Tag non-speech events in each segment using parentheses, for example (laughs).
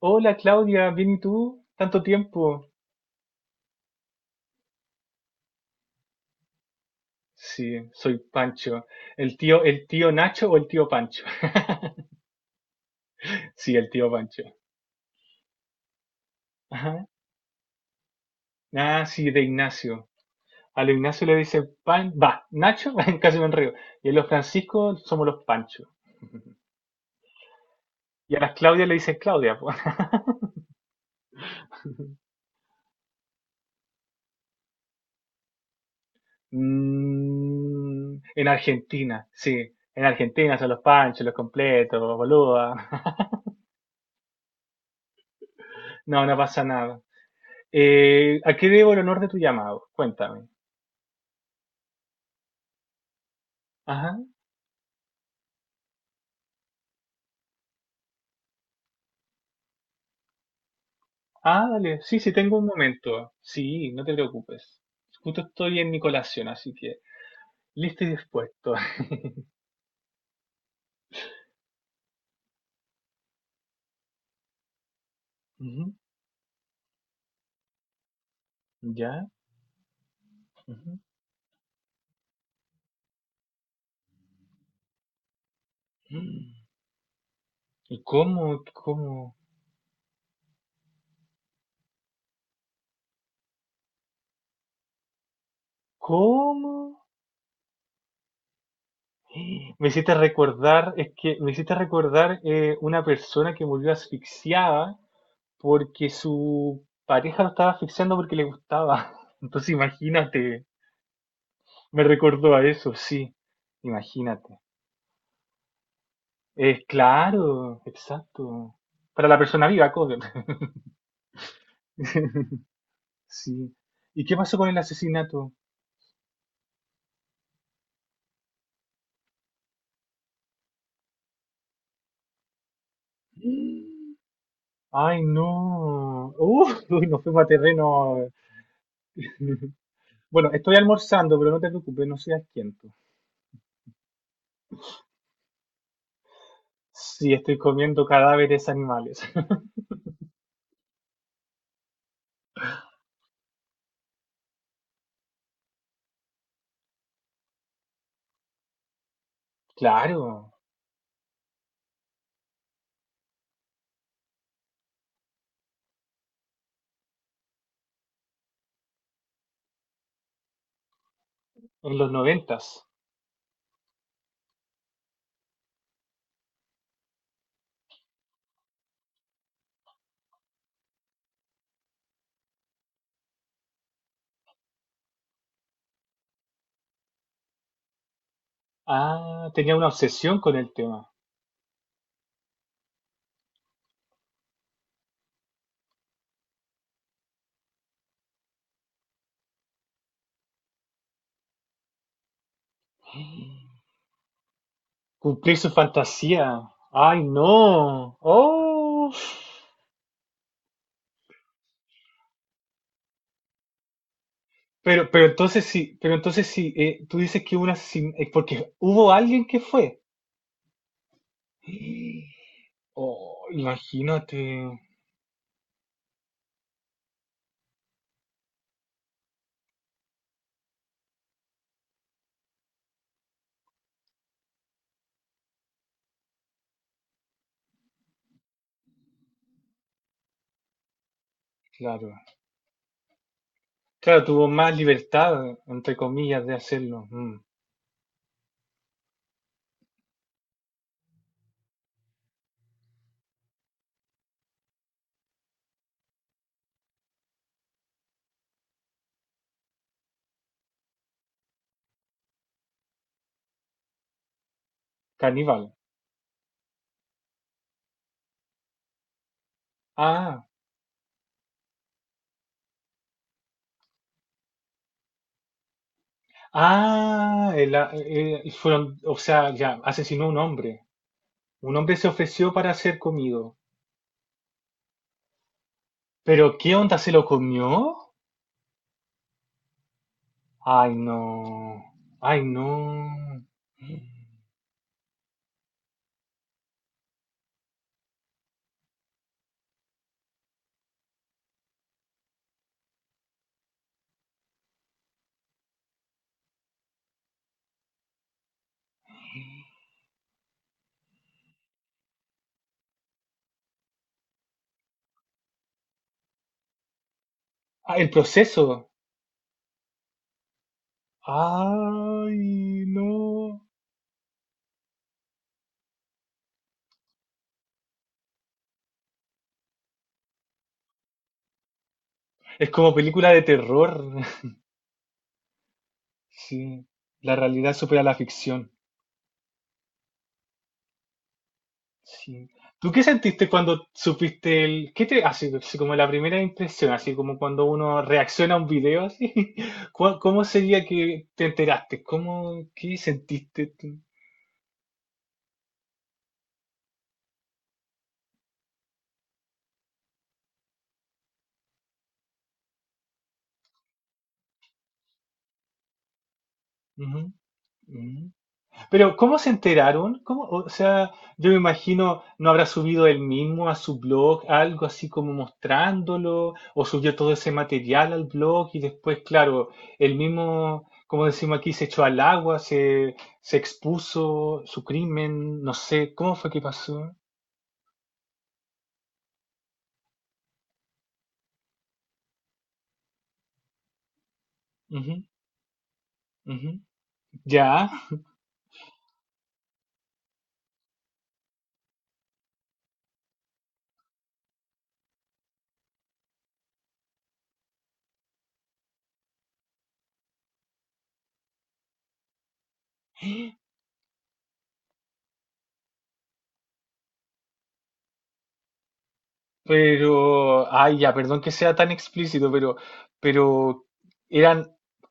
Hola Claudia, ¿bien y tú? ¿Tanto tiempo? Sí, soy Pancho. El tío Nacho o el tío Pancho? (laughs) Sí, el tío Pancho. Ajá. Ah, sí, de Ignacio. A lo Ignacio le dice Pan, va, Nacho, (laughs) casi me enredo. Y a los Francisco somos los Pancho. Y a las Claudia le dicen Claudia, po. (laughs) Mm, en Argentina, sí. En Argentina son los Panchos, los completos, boluda. (laughs) No, no pasa nada. ¿A qué debo el honor de tu llamado? Cuéntame. Ajá. Ah, dale. Sí, sí, tengo un momento. Sí, no te preocupes. Justo estoy en mi colación, así que listo y dispuesto. (laughs) Ujú. ¿Ya? Ujú. Mm. ¿Y cómo? ¿Cómo? ¿Cómo? (gasps) Me hiciste recordar, es que me hiciste recordar una persona que murió asfixiada porque su pareja lo estaba asfixiando porque le gustaba. (laughs) Entonces imagínate, me recordó a eso, sí, imagínate. Claro, exacto. Para la persona viva, cover. (laughs) Sí. ¿Y qué pasó con el asesinato? Ay, no. (laughs) Uy, nos fuimos a terreno. (laughs) Bueno, estoy almorzando, pero no te preocupes, no seas quieto. Sí, estoy comiendo cadáveres animales. (laughs) Claro, en los noventas. Ah, tenía una obsesión con el tema. Cumplir su fantasía. Ay, no. Oh. Pero entonces sí, tú dices que hubo un porque hubo alguien que fue. (gasps) Oh, imagínate, claro. Claro, tuvo más libertad, entre comillas, de hacerlo. Mm. Caníbal. Ah, ah, el fueron, o sea, ya, asesinó a un hombre. Un hombre se ofreció para ser comido. Pero, ¿qué onda? ¿Se lo comió? Ay, no. Ay, no. Ah, el proceso. Ay, no. Es como película de terror. (laughs) Sí. La realidad supera la ficción. Sí. ¿Tú qué sentiste cuando supiste el... ¿Qué te... Así, así como la primera impresión, así como cuando uno reacciona a un video, así? (laughs) ¿Cuál- ¿Cómo sería que te enteraste? ¿Cómo... ¿Qué sentiste tú? Ujú. Pero, ¿cómo se enteraron? ¿Cómo? O sea, yo me imagino, ¿no habrá subido él mismo a su blog algo así como mostrándolo? ¿O subió todo ese material al blog y después, claro, él mismo, como decimos aquí, se echó al agua, se expuso su crimen, no sé, ¿cómo fue que pasó? Ujú, ujú. Ya. Pero, ay, ya, perdón que sea tan explícito, pero eran,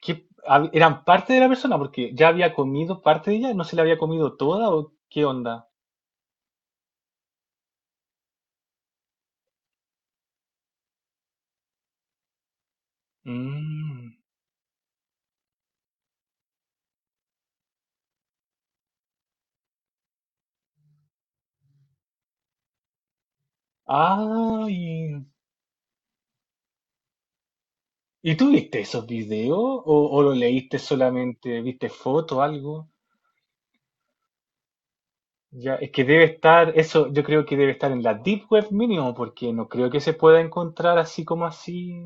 ¿qué- hab- eran parte de la persona, porque ya había comido parte de ella, no se la había comido toda, o qué onda? Mm. Ay, ¿y tú viste esos videos o lo leíste solamente, viste foto o algo? Ya, es que debe estar, eso yo creo que debe estar en la Deep Web mínimo, porque no creo que se pueda encontrar así como así.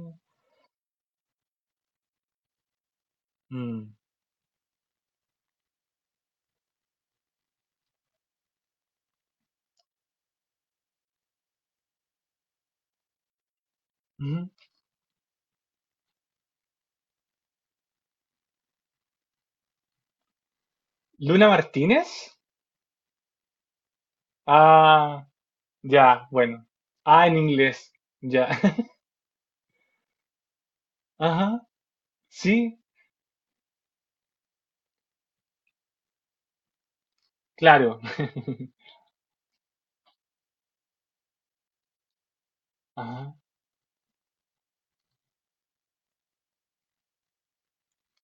Mm, ujú. ¿Luna Martínez? Ah. Ya, bueno. Ah, en inglés. Ya. (laughs) Ajá. Sí, claro. (laughs) Ajá.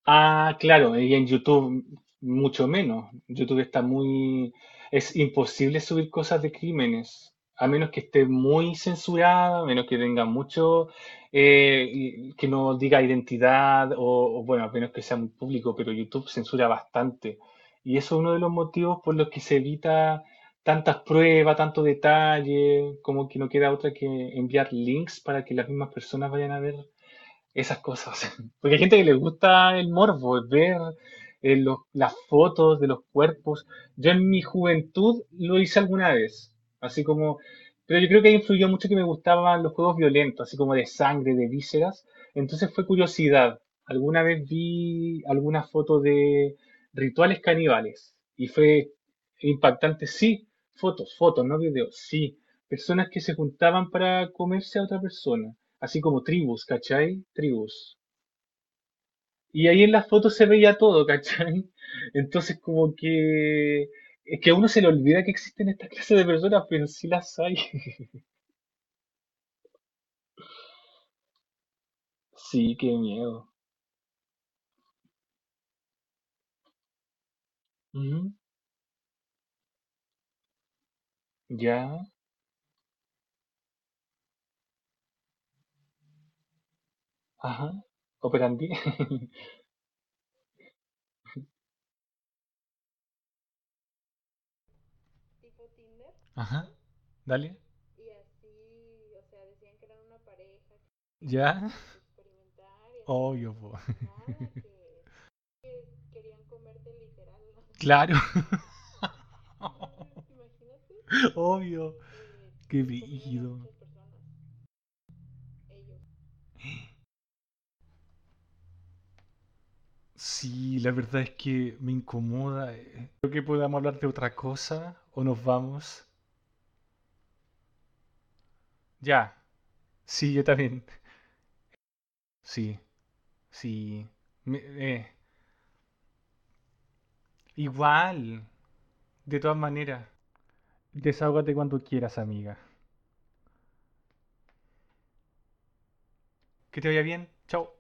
Ah, claro, y en YouTube mucho menos. YouTube está muy... Es imposible subir cosas de crímenes, a menos que esté muy censurada, a menos que tenga mucho, que no diga identidad, o, bueno, a menos que sea muy público, pero YouTube censura bastante. Y eso es uno de los motivos por los que se evita tantas pruebas, tanto detalle, como que no queda otra que enviar links para que las mismas personas vayan a ver esas cosas. (laughs) Porque hay gente que le gusta el morbo, ver las fotos de los cuerpos. Yo en mi juventud lo hice alguna vez, así como, pero yo creo que ahí influyó mucho que me gustaban los juegos violentos, así como de sangre, de vísceras. Entonces fue curiosidad. Alguna vez vi alguna foto de rituales caníbales y fue impactante. Sí, fotos, fotos, no videos, sí. Personas que se juntaban para comerse a otra persona así como tribus, ¿cachai? Tribus. Y ahí en las fotos se veía todo, (laughs) ¿cachai? Entonces como que... Es que a uno se le olvida que existen estas clases de personas, pero sí las hay. (laughs) Sí, qué miedo. Ujú. Ya, ajá. Operandi. (laughs) Ajá, dale. Ya. Obvio, po. (laughs) Claro. (laughs) Obvio. Qué brígido. Sí, la verdad es que me incomoda. Creo que podamos hablar de otra cosa o nos vamos. Ya, sí, yo también. Sí, sí. Me- eh, Igual, de todas maneras. Desahógate cuando quieras, amiga. Que te vaya bien. Chao.